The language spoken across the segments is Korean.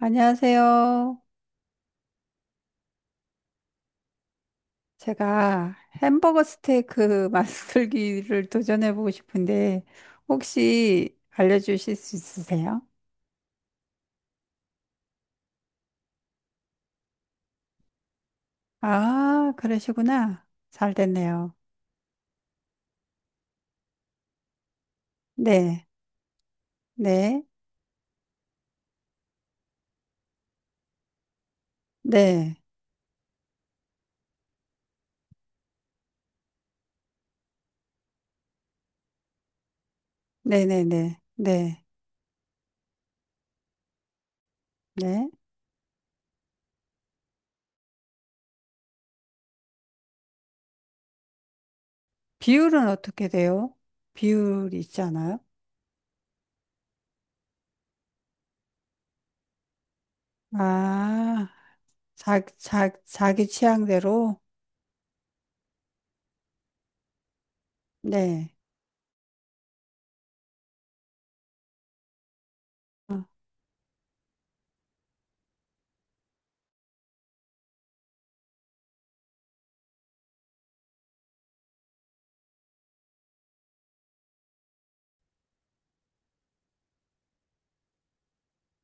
안녕하세요. 제가 햄버거 스테이크 만들기를 도전해보고 싶은데, 혹시 알려주실 수 있으세요? 아, 그러시구나. 잘 됐네요. 네, 네, 네, 네네네, 네, 네. 네, 네. 비율은 어떻게 돼요? 비율 있잖아요. 아, 자기 취향대로? 네. 어,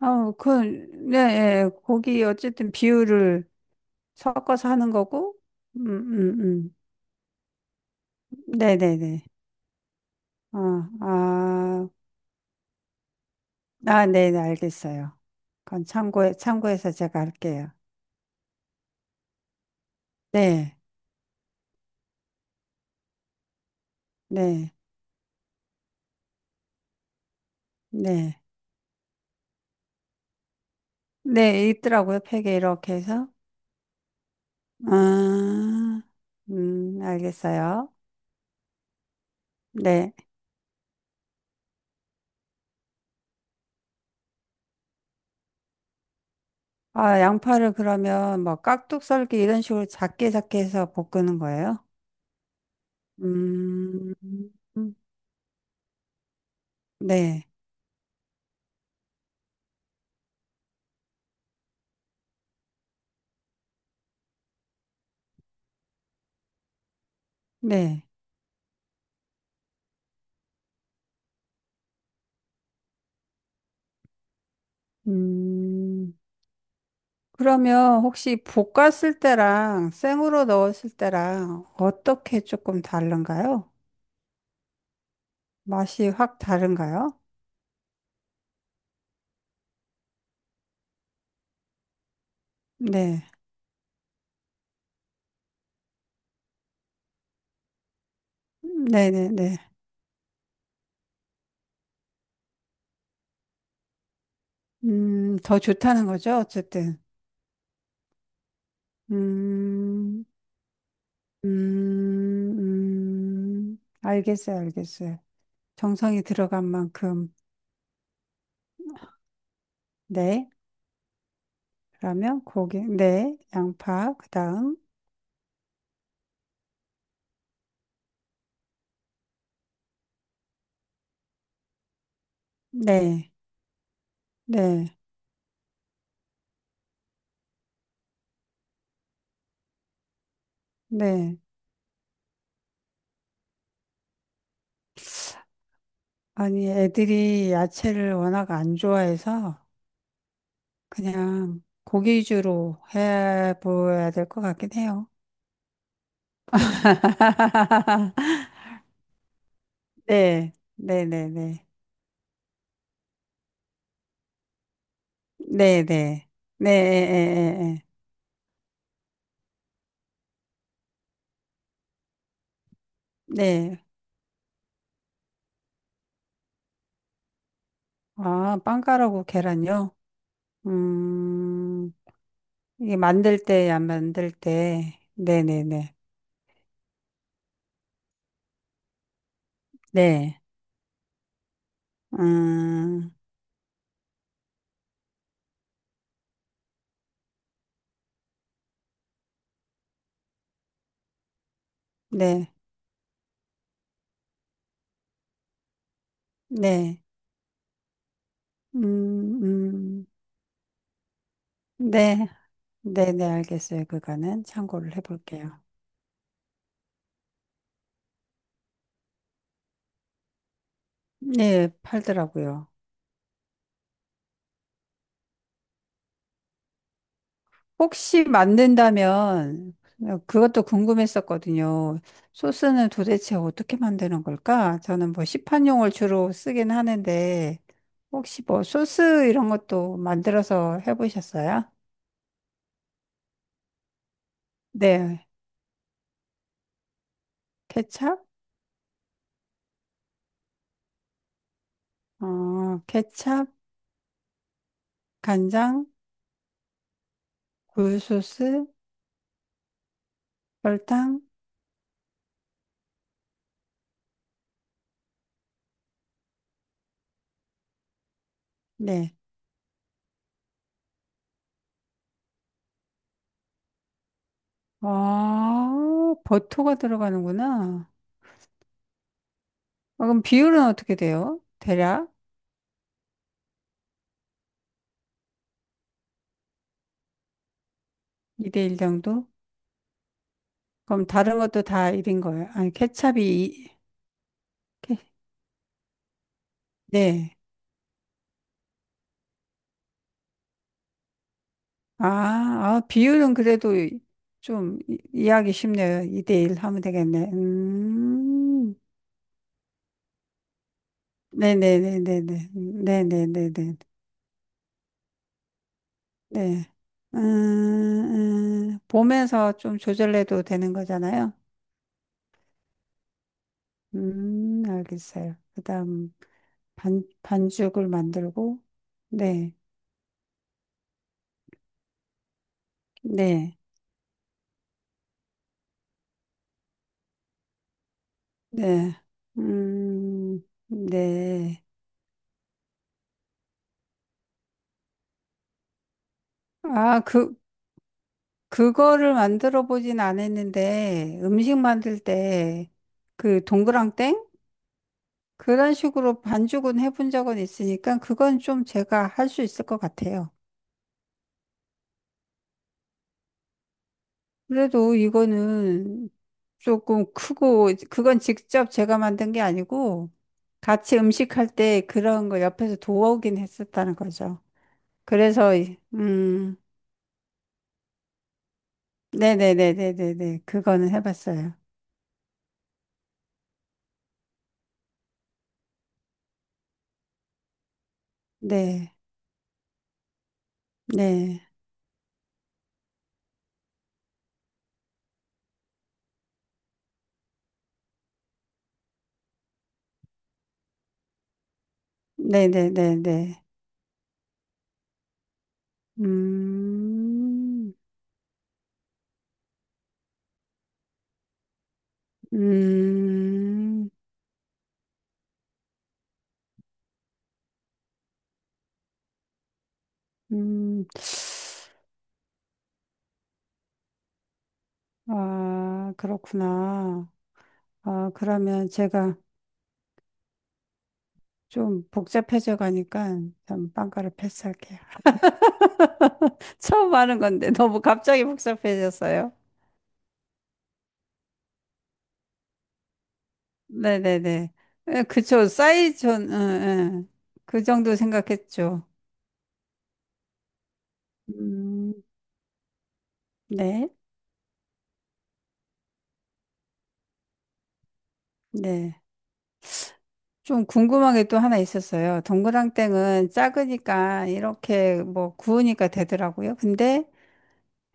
어, 그, 네, 예. 고기 어쨌든 비율을 섞어서 하는 거고, 음, 음, 음. 네네네. 어, 아, 아, 네네, 알겠어요. 그건 참고해서 제가 할게요. 네, 네, 네. 네, 있더라고요. 팩에 이렇게 해서. 아, 알겠어요. 네. 아, 양파를 그러면 뭐 깍둑 썰기 이런 식으로 작게 작게 해서 볶는 거예요? 음, 네, 네. 음. 그러면 혹시 볶았을 때랑 생으로 넣었을 때랑 어떻게 조금 다른가요? 맛이 확 다른가요? 네. 네네네. 더 좋다는 거죠? 어쨌든. 음, 음, 알겠어요, 알겠어요. 정성이 들어간 만큼. 네. 그러면 고기, 네. 양파, 그 다음. 네. 네. 네. 아니, 애들이 야채를 워낙 안 좋아해서 그냥 고기 위주로 해보야 될 것 같긴 해요. 네, 네, 네, 네, 네, 네, 네, 에, 에, 에, 에. 네. 아, 빵가루고 계란요? 음, 이게 만들 때, 안 만들 때, 네, 네, 네, 네, 음, 네, 네, 음, 음, 네, 네, 네, 알겠어요. 그거는 참고를 해볼게요. 네, 팔더라고요. 혹시 만든다면 그것도 궁금했었거든요. 소스는 도대체 어떻게 만드는 걸까? 저는 뭐 시판용을 주로 쓰긴 하는데 혹시 뭐 소스 이런 것도 만들어서 해보셨어요? 네, 케찹, 어, 케찹, 간장, 굴소스, 설탕, 네. 아, 버터가 들어가는구나. 아, 그럼 비율은 어떻게 돼요? 대략 2대1 정도? 그럼 다른 것도 다 1인 거예요? 아니, 케- 네. 아, 아, 비율은 그래도 좀 이해하기 쉽네요. 2대1 하면 되겠네. 네네네네네. 네네네네. 네. 보면서 좀 조절해도 되는 거잖아요. 알겠어요. 그 다음, 반죽을 만들고, 네, 네, 네. 음, 네. 아, 그, 그거를 만들어 보진 않았는데, 음식 만들 때, 그 동그랑땡? 그런 식으로 반죽은 해본 적은 있으니까, 그건 좀 제가 할 수 있을 것 같아요. 그래도 이거는 조금 크고, 그건 직접 제가 만든 게 아니고, 같이 음식할 때 그런 거 옆에서 도와오긴 했었다는 거죠. 그래서, 네네네네네네. 그거는 해봤어요. 네. 네. 네네네네. 음, 음, 음. 아, 그렇구나. 아, 그러면 제가 좀 복잡해져 가니까 전 빵가루 패스할게요. 처음 하는 건데 너무 갑자기 복잡해졌어요. 네네네. 에, 그쵸. 사이즈, 전, 응, 응. 그 정도 생각했죠. 음, 네, 네. 좀 궁금한 게 또 하나 있었어요. 동그랑땡은 작으니까 이렇게 뭐 구우니까 되더라고요. 근데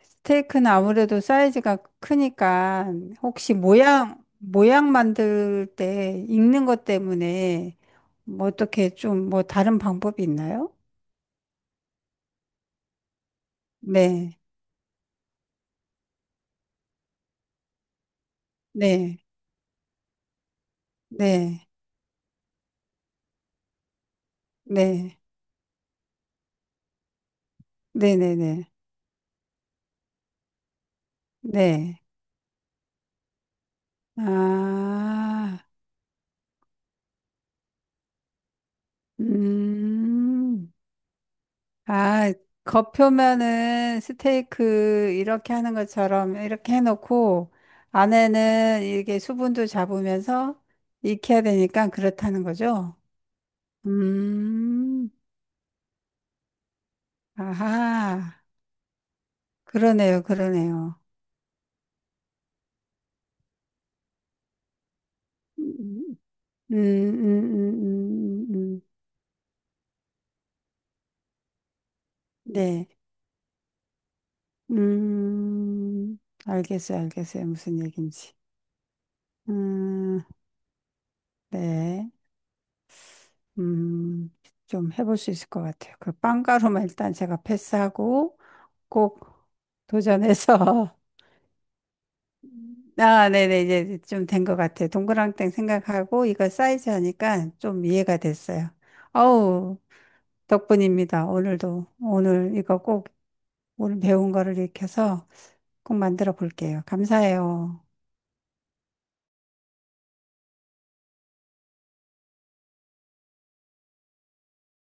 스테이크는 아무래도 사이즈가 크니까 혹시 모양 만들 때 익는 것 때문에 뭐 어떻게 좀 뭐 다른 방법이 있나요? 네, 네, 네, 네, 네, 네, 네, 네. 아, 음. 아, 겉표면은 스테이크 이렇게 하는 것처럼 이렇게 해놓고 안에는 이게 수분도 잡으면서 익혀야 되니까 그렇다는 거죠? 음, 아하, 그러네요, 그러네요. 음, 음. 네. 음, 알겠어요, 알겠어요. 무슨 얘기인지. 음, 네. 음, 좀 해볼 수 있을 것 같아요. 그 빵가루만 일단 제가 패스하고 꼭 도전해서. 아, 네네, 이제 좀 된 것 같아요. 동그랑땡 생각하고 이거 사이즈 하니까 좀 이해가 됐어요. 어우, 덕분입니다. 오늘도. 오늘 이거 꼭 오늘 배운 거를 익혀서 꼭 만들어 볼게요. 감사해요.